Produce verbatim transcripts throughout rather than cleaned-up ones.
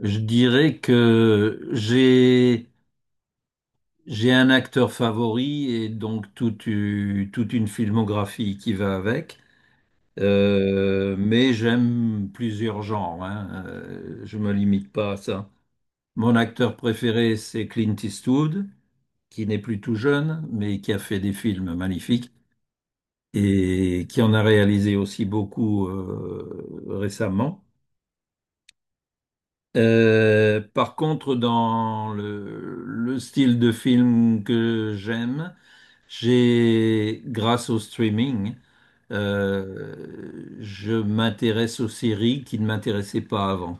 Je dirais que j'ai j'ai un acteur favori et donc toute, u- toute une filmographie qui va avec. Euh, mais j'aime plusieurs genres, hein. Euh, je me limite pas à ça. Mon acteur préféré, c'est Clint Eastwood, qui n'est plus tout jeune, mais qui a fait des films magnifiques et qui en a réalisé aussi beaucoup euh, récemment. Euh, par contre, dans le, le style de film que j'aime, j'ai, grâce au streaming, euh, je m'intéresse aux séries qui ne m'intéressaient pas avant.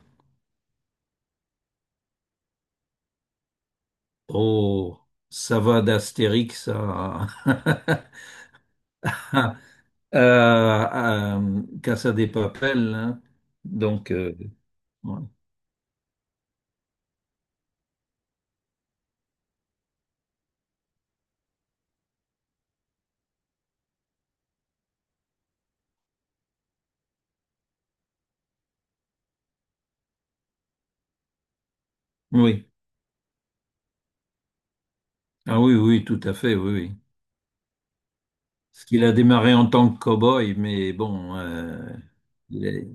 Oh, ça va d'Astérix à, à, à Casa de Papel, hein. Donc, euh, ouais. Oui, ah oui, oui, tout à fait, oui, oui. Parce qu'il a démarré en tant que cow-boy, mais bon, euh, les-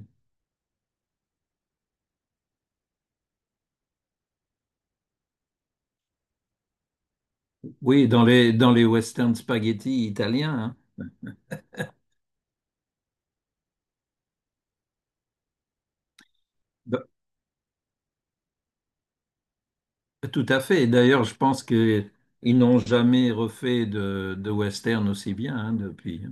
oui, dans les, dans les western spaghetti italiens, hein. Bah, tout à fait. D'ailleurs, je pense qu'ils n'ont jamais refait de, de western aussi bien hein, depuis.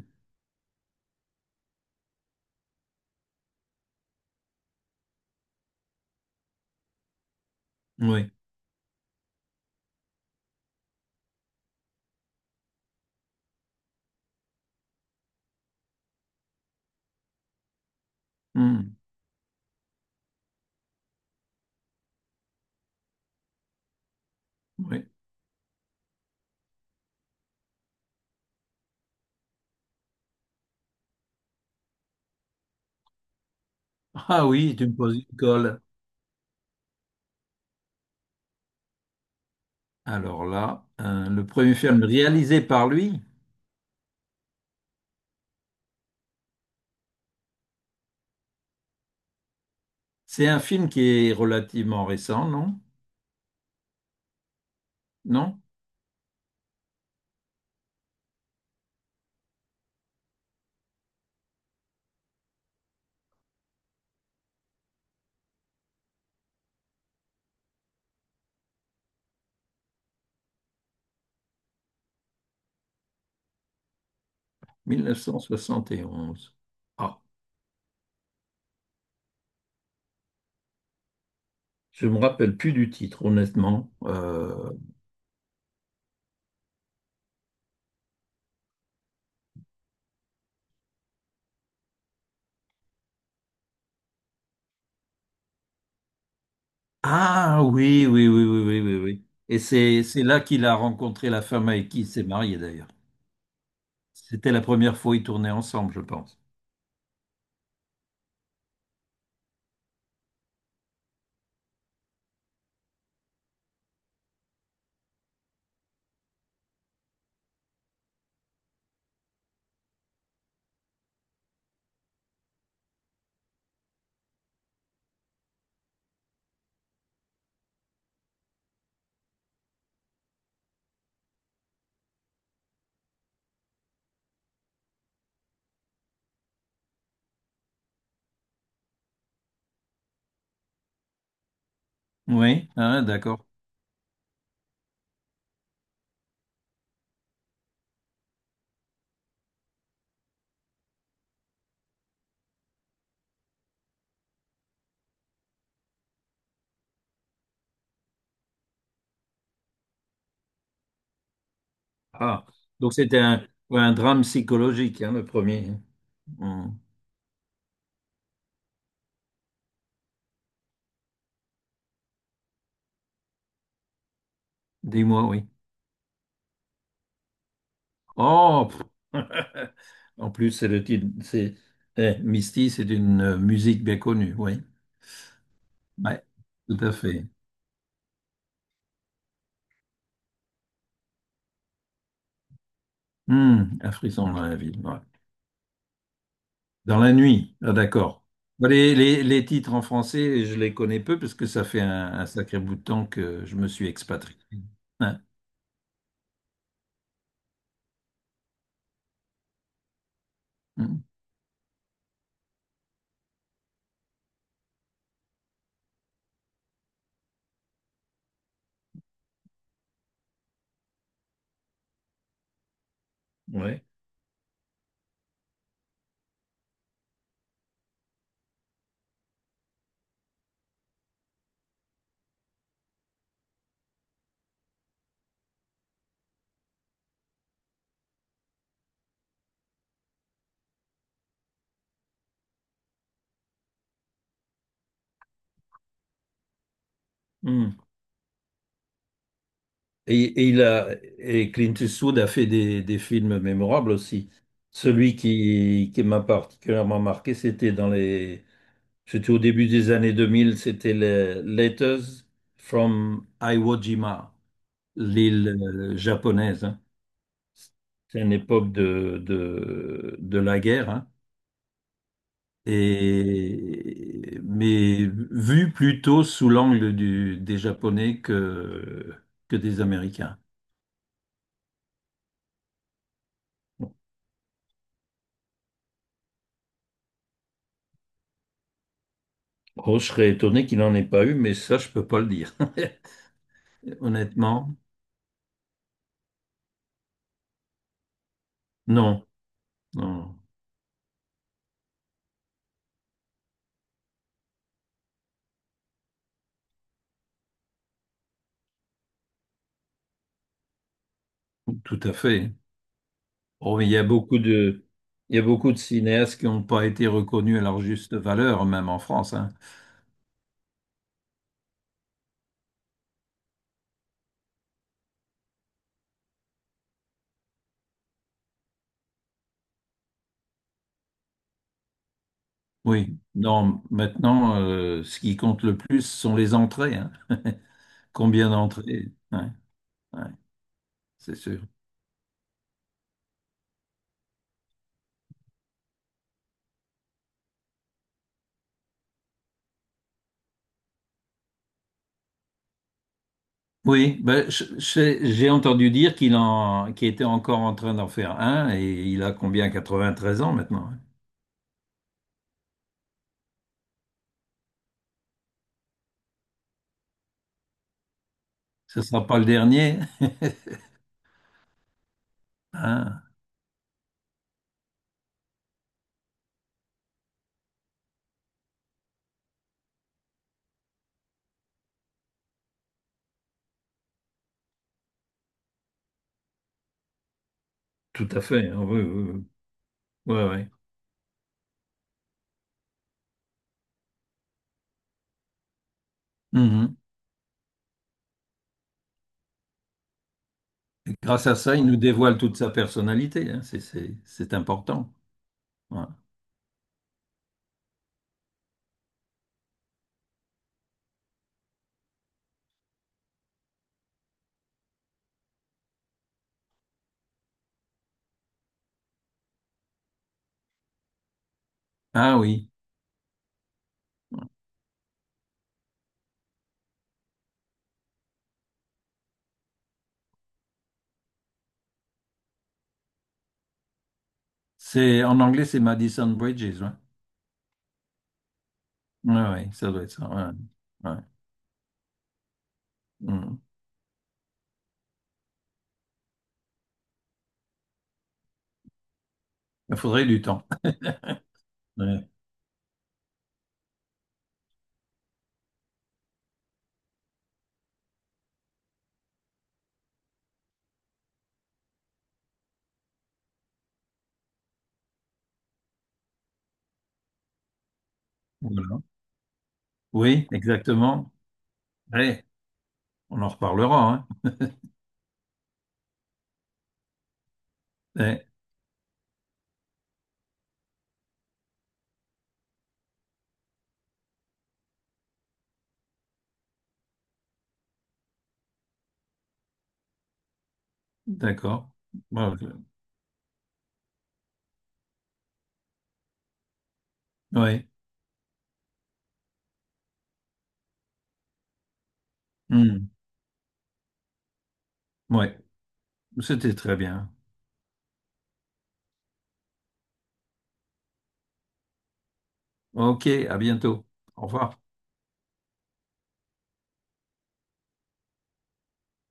Oui. Hmm. Oui. Ah oui, tu me poses une colle. Alors là, euh, le premier film réalisé par lui, c'est un film qui est relativement récent, non? Non? mille neuf cent soixante et onze. Ah. Je me rappelle plus du titre, honnêtement. Euh, Ah oui, oui, oui, oui, oui, oui, oui. Et c'est c'est là qu'il a rencontré la femme avec qui il s'est marié d'ailleurs. C'était la première fois qu'ils tournaient ensemble, je pense. Oui, hein, d'accord. Ah, donc c'était un, ouais, un drame psychologique, hein, le premier, hein. Hum, dis-moi, oui. Oh, pff. En plus, c'est le titre. C'est eh, Misty, c'est une euh, musique bien connue, oui. Ouais, tout à fait. Hum, un frisson dans la ville, ouais. Dans la nuit, ah, d'accord. Bon, Les, les- les titres en français, je les connais peu parce que ça fait un, un sacré bout de temps que je me suis expatrié. Hein, hum, ouais, hum. Et, et il a, et Clint Eastwood a fait des, des films mémorables aussi. Celui qui, qui m'a particulièrement marqué, c'était dans les... C'était au début des années deux mille, c'était les Letters from Iwo Jima, l'île euh, japonaise, hein. C'est une époque de, de, de la guerre, hein. Et, mais vu plutôt sous l'angle du, des Japonais que, que des Américains. Oh, je serais étonné qu'il n'en ait pas eu, mais ça, je peux pas le dire. Honnêtement, non, non, tout à fait. Oh, mais il y a beaucoup de, il y a beaucoup de cinéastes qui n'ont pas été reconnus à leur juste valeur, même en France, hein. Oui, non, maintenant, euh, ce qui compte le plus ce sont les entrées, hein. Combien d'entrées? Ouais, ouais, c'est sûr. Oui, ben, je- je- j'ai entendu dire qu'il en, qu'il était encore en train d'en faire un et il a combien? quatre-vingt-treize ans maintenant, hein. Ce ne sera pas le dernier. Ah, tout à fait, hein. Oui, oui, oui. Ouais, ouais. Mhm. Et grâce à ça, il nous dévoile toute sa personnalité, hein. C'est, c'est- c'est important. Ouais. Ah oui. C'est, en anglais, c'est Madison Bridges. Ouais. Ouais, ouais, ça doit être ça, ouais. Ouais. Mhm. Il faudrait du temps. Ouais. Voilà. Oui, exactement. Allez, on en reparlera, hein. Ouais, d'accord. Bon, je- ouais. Hmm, ouais. C'était très bien. Ok, à bientôt. Au revoir.